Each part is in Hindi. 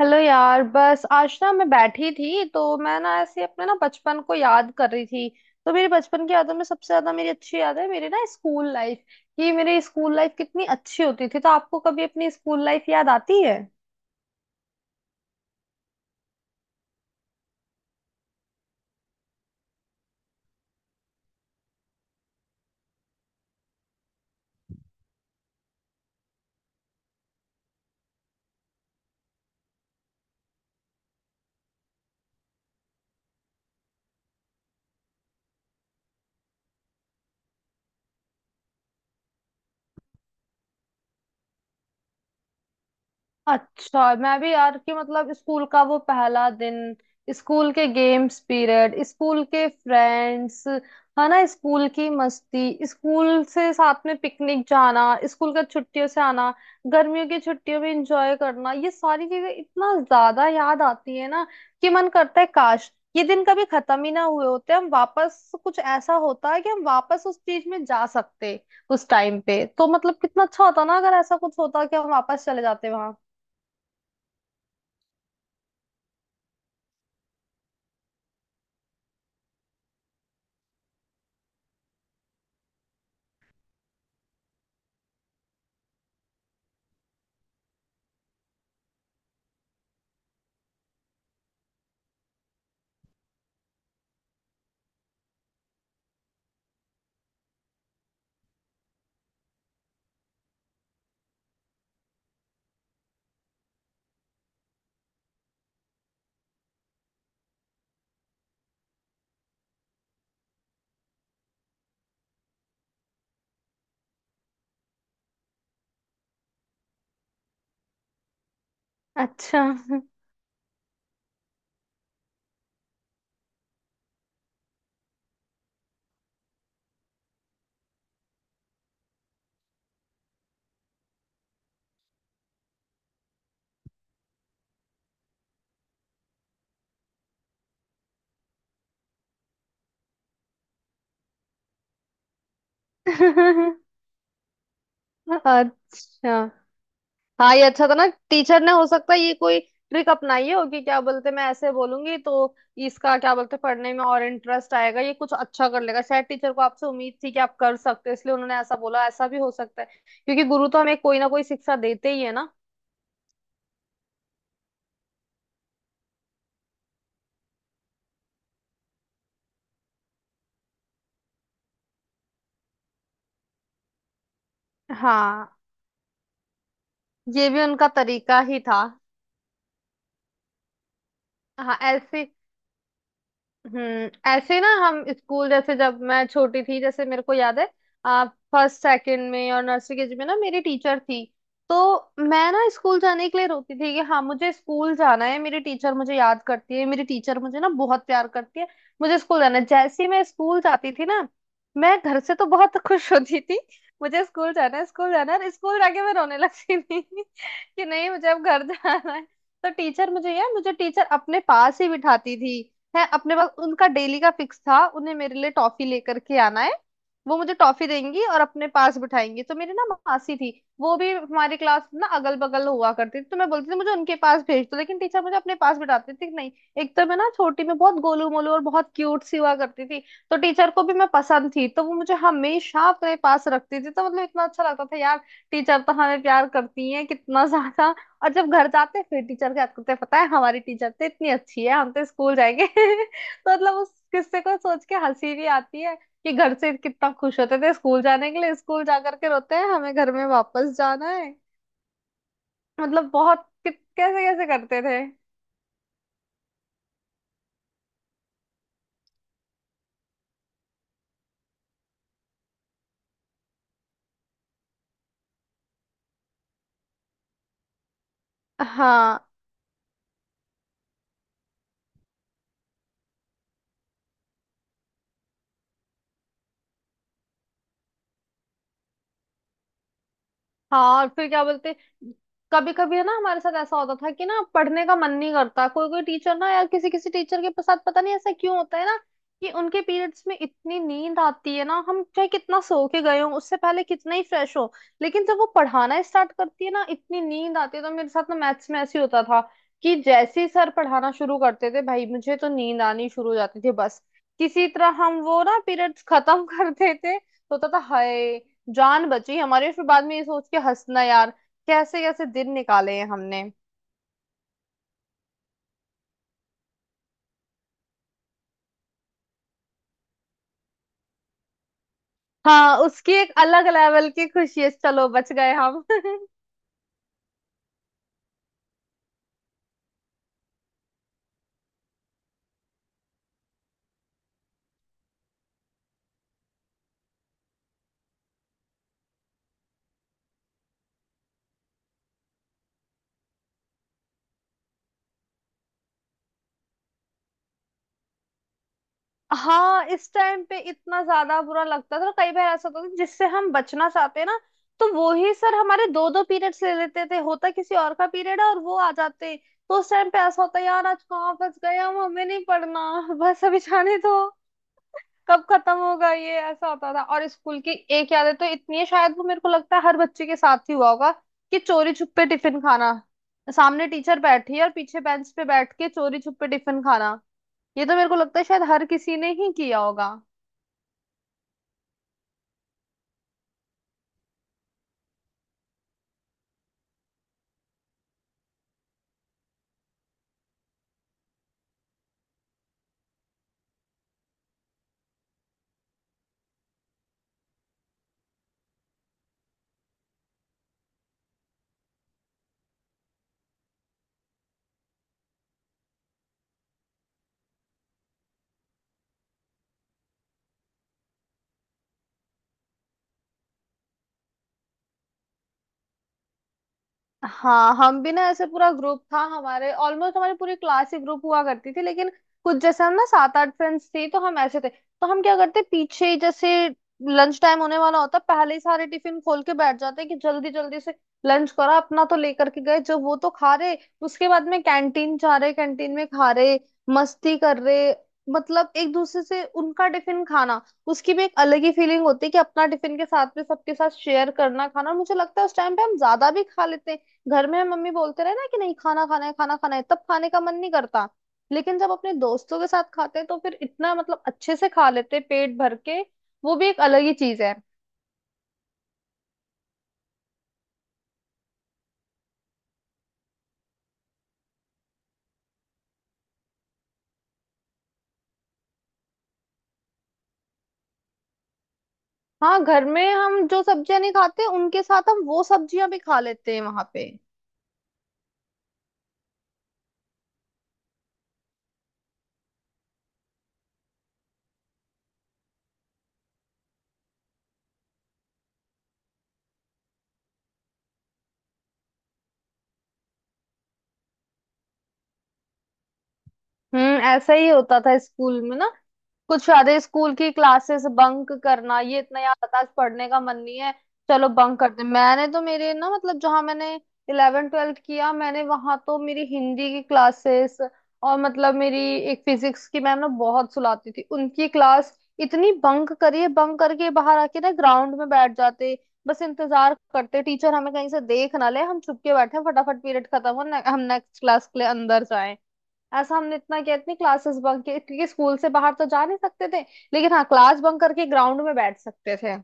हेलो यार। बस आज ना मैं बैठी थी तो मैं ना ऐसे अपने ना बचपन को याद कर रही थी। तो मेरी बचपन की यादों में सबसे ज्यादा मेरी अच्छी याद है मेरी ना स्कूल लाइफ। कि मेरी स्कूल लाइफ कितनी अच्छी होती थी। तो आपको कभी अपनी स्कूल लाइफ याद आती है? अच्छा, मैं भी यार। कि मतलब स्कूल का वो पहला दिन, स्कूल के गेम्स पीरियड, स्कूल के फ्रेंड्स, है ना, स्कूल की मस्ती, स्कूल से साथ में पिकनिक जाना, स्कूल का छुट्टियों से आना, गर्मियों की छुट्टियों में एंजॉय करना, ये सारी चीजें इतना ज्यादा याद आती है ना। कि मन करता है काश ये दिन कभी खत्म ही ना हुए होते। हम वापस कुछ ऐसा होता है कि हम वापस उस चीज में जा सकते, उस टाइम पे। तो मतलब कितना अच्छा होता ना अगर ऐसा कुछ होता कि हम वापस चले जाते वहां। अच्छा। अच्छा। हाँ ये अच्छा था ना। टीचर ने हो सकता है ये कोई ट्रिक अपनाई हो कि क्या बोलते, मैं ऐसे बोलूंगी तो इसका क्या बोलते, पढ़ने में और इंटरेस्ट आएगा, ये कुछ अच्छा कर लेगा। शायद टीचर को आपसे उम्मीद थी कि आप कर सकते हो इसलिए उन्होंने ऐसा बोला, ऐसा भी हो सकता है। क्योंकि गुरु तो हमें कोई ना कोई शिक्षा देते ही है ना। हाँ, ये भी उनका तरीका ही था। हाँ ऐसे। ऐसे ना हम स्कूल, जैसे जब मैं छोटी थी, जैसे मेरे को याद है, फर्स्ट सेकंड में और नर्सरी के जी में ना मेरी टीचर थी। तो मैं ना स्कूल जाने के लिए रोती थी कि हाँ मुझे स्कूल जाना है, मेरी टीचर मुझे याद करती है, मेरी टीचर मुझे ना बहुत प्यार करती है, मुझे स्कूल जाना है। जैसे ही मैं स्कूल जाती थी ना, मैं घर से तो बहुत खुश होती थी, मुझे स्कूल जाना है, स्कूल जाना है। और स्कूल जाके मैं रोने लगती थी कि नहीं मुझे अब घर जाना है। तो टीचर मुझे यार मुझे टीचर अपने पास ही बिठाती थी। है अपने पास। उनका डेली का फिक्स था उन्हें मेरे लिए टॉफी लेकर के आना है। वो मुझे टॉफी देंगी और अपने पास बिठाएंगी। तो मेरी ना मासी थी, वो भी हमारी क्लास ना अगल बगल हुआ करती थी। तो मैं बोलती थी मुझे उनके पास भेज दो, लेकिन टीचर मुझे अपने पास बिठाती थी कि नहीं। एक तो मैं ना छोटी में बहुत गोलू मोलू और बहुत क्यूट सी हुआ करती थी, तो टीचर को भी मैं पसंद थी, तो वो मुझे हमेशा अपने पास रखती थी। तो मतलब इतना अच्छा लगता था यार, टीचर तो हमें प्यार करती है कितना ज्यादा। और जब घर जाते फिर टीचर के हाथ करते, पता है हमारी टीचर तो इतनी अच्छी है, हम तो स्कूल जाएंगे। तो मतलब उस किस्से को सोच के हंसी भी आती है कि घर से कितना खुश होते थे स्कूल जाने के लिए, स्कूल जा करके रोते हैं हमें घर में वापस जाना है। मतलब बहुत कैसे कैसे करते थे। हाँ हाँ। और फिर क्या बोलते, कभी कभी है ना हमारे साथ ऐसा होता था कि ना पढ़ने का मन नहीं करता। कोई कोई टीचर ना यार, किसी किसी टीचर के साथ पता नहीं ऐसा क्यों होता है ना, कि उनके पीरियड्स में इतनी नींद आती है ना। हम चाहे कितना सो के गए हो, उससे पहले कितना ही फ्रेश हो, लेकिन जब वो पढ़ाना स्टार्ट करती है ना, इतनी नींद आती है। तो मेरे साथ ना मैथ्स में ऐसे ही होता था कि जैसे ही सर पढ़ाना शुरू करते थे भाई, मुझे तो नींद आनी शुरू हो जाती थी बस। किसी तरह हम वो ना पीरियड्स खत्म कर देते तो होता था हाय जान बची हमारी। फिर बाद में ये सोच के हंसना यार, कैसे कैसे दिन निकाले हैं हमने। हाँ उसकी एक अलग लेवल की खुशी है, चलो बच गए हम। हाँ इस टाइम पे इतना ज्यादा बुरा लगता था, तो कई बार ऐसा होता था जिससे हम बचना चाहते हैं ना, तो वो ही सर हमारे दो दो पीरियड्स ले लेते थे, होता किसी और का पीरियड है और वो आ जाते। तो उस टाइम पे ऐसा होता यार, आज कहाँ फंस गए हम, हमें नहीं पढ़ना बस अभी जाने दो, कब खत्म होगा ये, ऐसा होता था। और स्कूल की एक याद है तो इतनी है, शायद वो मेरे को लगता है हर बच्चे के साथ ही हुआ होगा, कि चोरी छुपे टिफिन खाना। सामने टीचर बैठी है और पीछे बेंच पे बैठ के चोरी छुपे टिफिन खाना, ये तो मेरे को लगता है शायद हर किसी ने ही किया होगा। हाँ हम भी ना ऐसे पूरा ग्रुप था हमारे, ऑलमोस्ट हमारी पूरी क्लास ही ग्रुप हुआ करती थी, लेकिन कुछ जैसे हम ना सात आठ फ्रेंड्स थी, तो हम ऐसे थे तो हम क्या करते, पीछे ही जैसे लंच टाइम होने वाला होता, पहले ही सारे टिफिन खोल के बैठ जाते कि जल्दी जल्दी से लंच करा अपना। तो लेकर के गए जब वो तो खा रहे, उसके बाद में कैंटीन जा रहे, कैंटीन में खा रहे, मस्ती कर रहे। मतलब एक दूसरे से उनका टिफिन खाना, उसकी भी एक अलग ही फीलिंग होती है कि अपना टिफिन के साथ में सबके साथ शेयर करना खाना। और मुझे लगता है उस टाइम पे हम ज्यादा भी खा लेते हैं, घर में मम्मी बोलते रहे ना कि नहीं खाना खाना है, खाना खाना है, तब खाने का मन नहीं करता। लेकिन जब अपने दोस्तों के साथ खाते हैं तो फिर इतना मतलब अच्छे से खा लेते हैं पेट भर के, वो भी एक अलग ही चीज है। हाँ घर में हम जो सब्जियां नहीं खाते उनके साथ हम वो सब्जियां भी खा लेते हैं वहां पे। ऐसा ही होता था स्कूल में ना। कुछ आधे स्कूल की क्लासेस बंक करना, ये इतना याद आता, आज पढ़ने का मन नहीं है, चलो बंक करते हैं। मैंने तो, मेरे ना मतलब, जहां मैंने इलेवन ट्वेल्थ किया मैंने, वहां तो मेरी हिंदी की क्लासेस और मतलब मेरी एक फिजिक्स की मैम ना बहुत सुलाती थी, उनकी क्लास इतनी बंक करिए। बंक करके बाहर आके ना ग्राउंड में बैठ जाते, बस इंतजार करते टीचर हमें कहीं से देख ना ले, हम छुप के बैठे हैं, फटाफट पीरियड खत्म हो ने, हम नेक्स्ट क्लास के लिए अंदर। ऐसा हमने इतना किया, इतनी क्लासेस बंक की, क्योंकि स्कूल से बाहर तो जा नहीं सकते थे, लेकिन हाँ क्लास बंक करके ग्राउंड में बैठ सकते थे।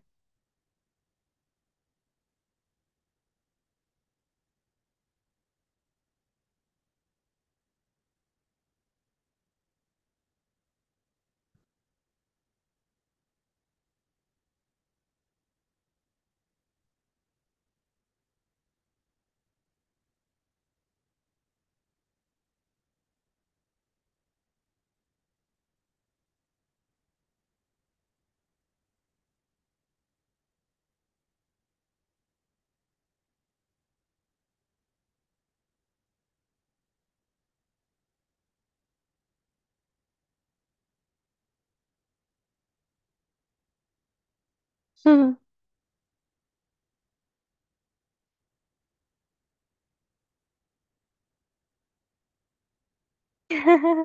हम्म।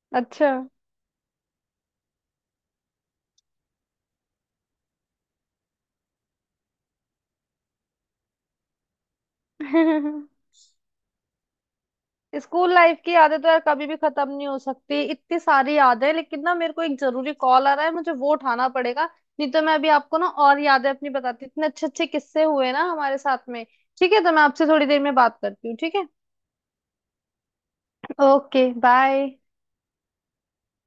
अच्छा, स्कूल लाइफ की यादें तो यार कभी भी खत्म नहीं हो सकती, इतनी सारी यादें हैं, लेकिन ना मेरे को एक जरूरी कॉल आ रहा है, मुझे वो उठाना पड़ेगा। नहीं तो मैं अभी आपको ना और यादें अपनी बताती, इतने अच्छे अच्छे किस्से हुए ना हमारे साथ में। ठीक है, तो मैं आपसे थोड़ी देर में बात करती हूँ, ठीक है। Okay, bye.